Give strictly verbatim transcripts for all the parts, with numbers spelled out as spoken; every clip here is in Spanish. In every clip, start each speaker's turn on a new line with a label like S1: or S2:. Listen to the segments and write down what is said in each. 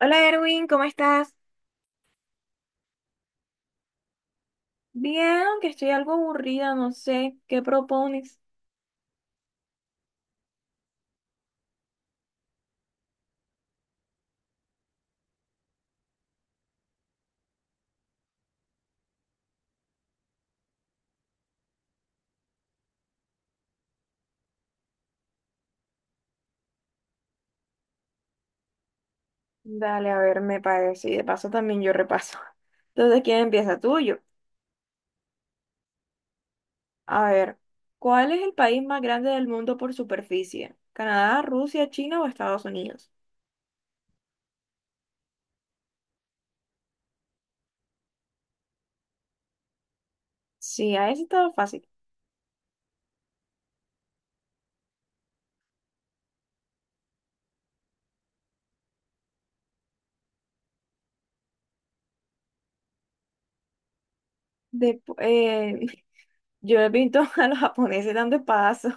S1: Hola Erwin, ¿cómo estás? Bien, que estoy algo aburrida, no sé, ¿qué propones? Dale, a ver, me parece, y de paso también yo repaso. Entonces, ¿quién empieza? Tuyo. A ver, ¿cuál es el país más grande del mundo por superficie? ¿Canadá, Rusia, China o Estados Unidos? Sí, a eso estaba fácil. Depu- eh, yo he visto a los japoneses dando espadazos,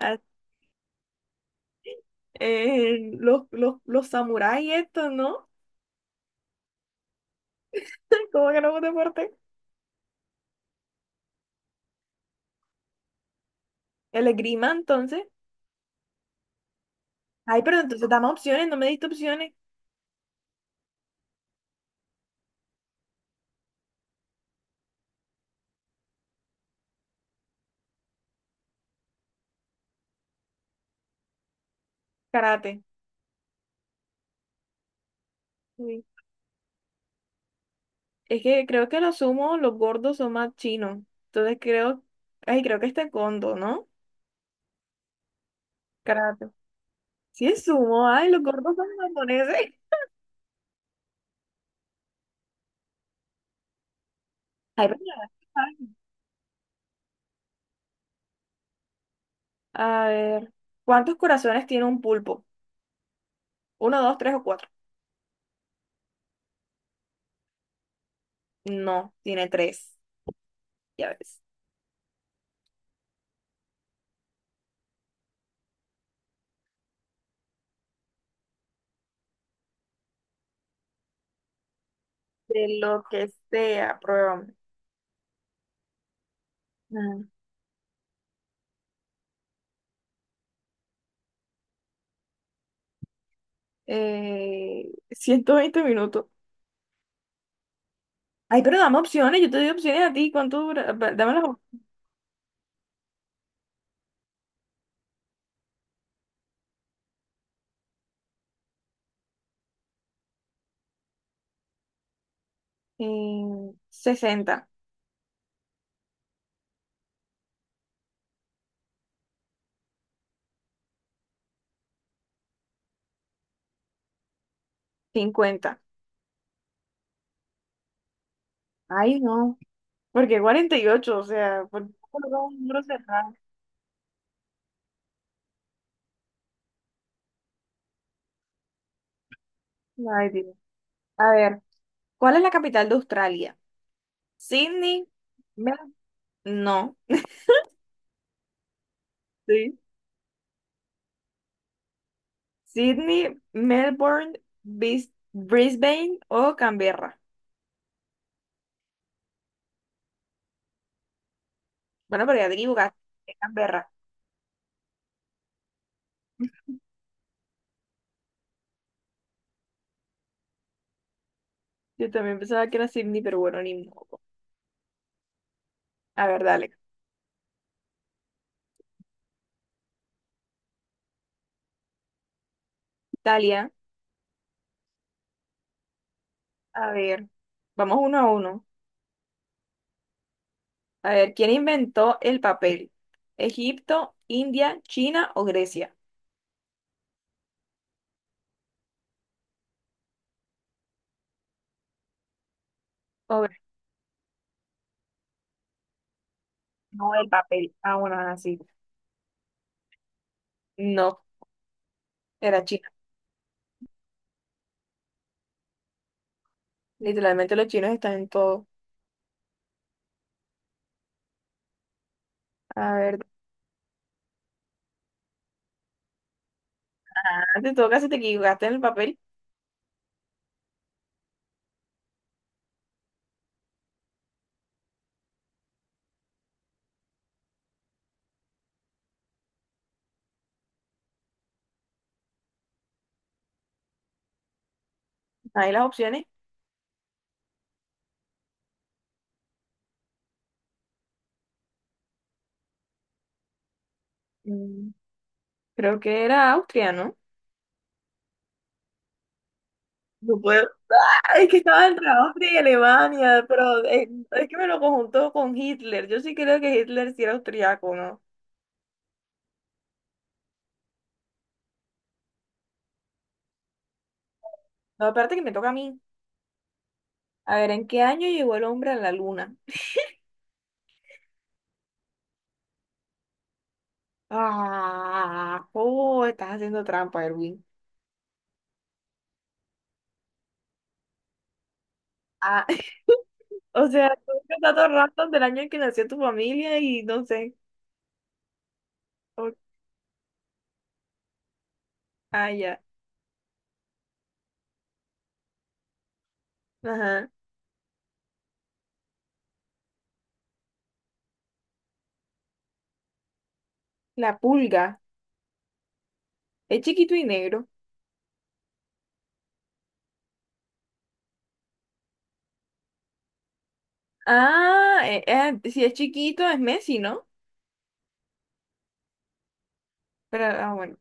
S1: a- eh, los, los, los samuráis estos, ¿no? ¿Cómo que no es un deporte? El esgrima, entonces. Ay, pero entonces dame opciones, no me diste opciones. Karate. Uy. Es que creo que lo sumo, los gordos son más chinos. Entonces creo, ay, creo que este es taekwondo, ¿no? Karate. Sí, es sumo, ay, los gordos son japoneses. Ay, pero ya, ay. A ver, ¿cuántos corazones tiene un pulpo? ¿Uno, dos, tres o cuatro? No, tiene tres. Ya ves. De lo que sea, pruébame. Ah, Eh, ciento veinte minutos. Ay, pero dame opciones, yo te doy opciones a ti. ¿Cuánto dura? Va, dame las opciones. En sesenta. Cincuenta. Ay, no. Porque cuarenta y ocho, o sea, ¿por qué colocar un número cerrado? Ay, Dios. A ver, ¿cuál es la capital de Australia? Sydney, Mel- no, sí. Sydney, Melbourne, Bis- Brisbane o Canberra. Bueno, pero ya te equivocaste, es Canberra. Yo también pensaba que era Sydney, pero bueno, ni modo. A ver, dale. Italia, a ver, vamos uno a uno. A ver, ¿quién inventó el papel? ¿Egipto, India, China o Grecia? O Gre- no, el papel. Ah, bueno, así. No, era China. Literalmente los chinos están en todo. A ver, antes todo casi te equivocaste en el papel. Ahí las opciones. Mm, Creo que era Austria, ¿no? No puedo. ¡Ah! Es que estaba entre Austria y Alemania, pero eh, es que me lo conjuntó con Hitler. Yo sí creo que Hitler sí era austriaco, ¿no? No, aparte que me toca a mí. A ver, ¿en qué año llegó el hombre a la luna? Ah, oh, estás haciendo trampa, Erwin. Ah, o sea, todos los datos random del año en que nació tu familia y no sé. O- ah, ya. Ajá. La pulga. Es chiquito y negro. Ah, eh, eh, si es chiquito es Messi, ¿no? Pero, ah, bueno.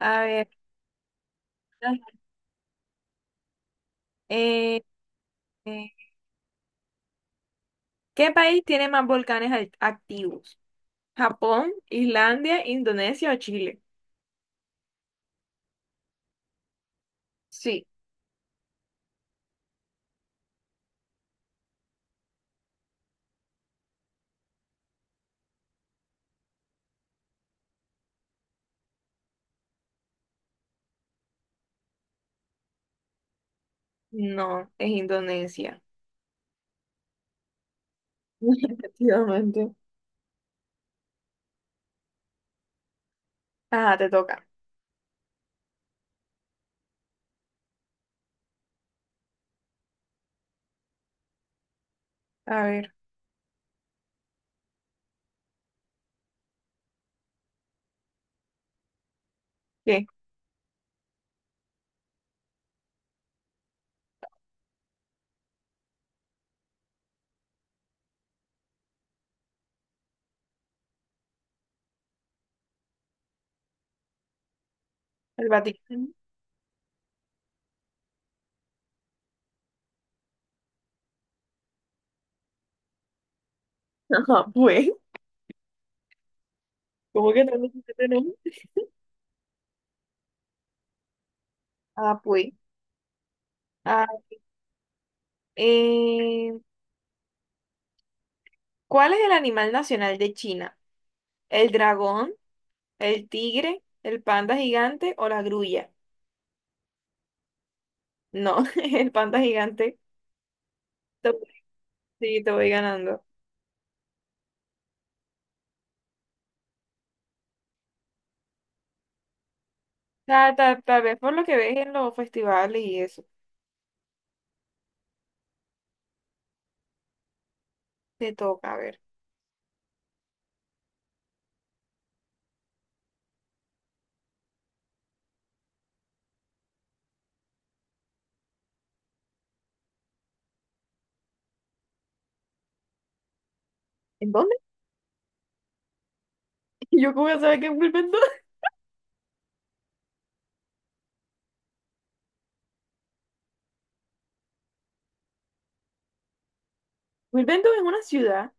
S1: A ver. Eh, eh, ¿qué país tiene más volcanes al- activos? ¿Japón, Islandia, Indonesia o Chile? Sí. No, es Indonesia. Efectivamente. Ah, te toca. A ver, ¿qué? El Vaticano. Ajá, pues. ¿Cómo que tanto tenemos? Ah, pues. Ah, eh, ¿cuál es el animal nacional de China? ¿El dragón? ¿El tigre? ¿El panda gigante o la grulla? No, el panda gigante. Te- Sí, te voy ganando. Ta ta tal vez por lo que ves en los festivales y eso. Te toca, a ver. ¿En dónde? ¿Yo cómo voy a saber que es Wilmington? Wilmington es una ciudad.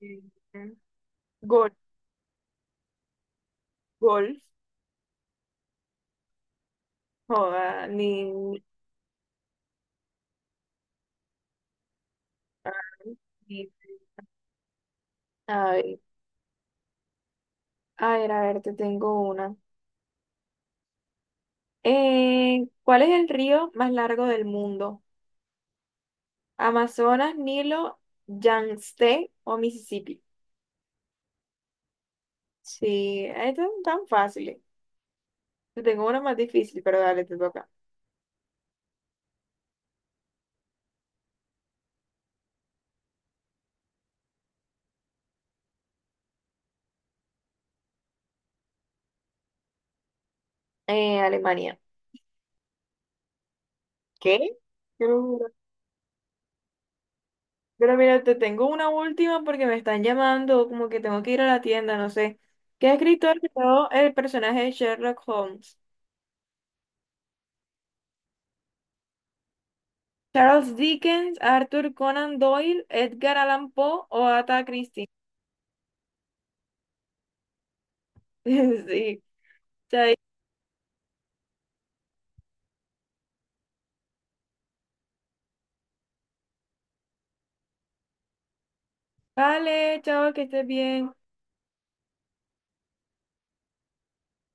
S1: Sí. Golf, golf. Joda, ni, ah, sí. A ver, a ver, a ver, te tengo una. Eh, ¿cuál es el río más largo del mundo? ¿Amazonas, Nilo, Yangtze o Mississippi? Sí, estas son tan fáciles. Te tengo una más difícil, pero dale, te toca. Eh, Alemania. ¿Qué? Yo lo juro. Pero mira, te tengo una última porque me están llamando, como que tengo que ir a la tienda, no sé. ¿Qué escritor creó el personaje de Sherlock Holmes? Charles Dickens, Arthur Conan Doyle, Edgar Allan Poe o Agatha Christie. Sí. Chai. Vale, chao, que estés bien.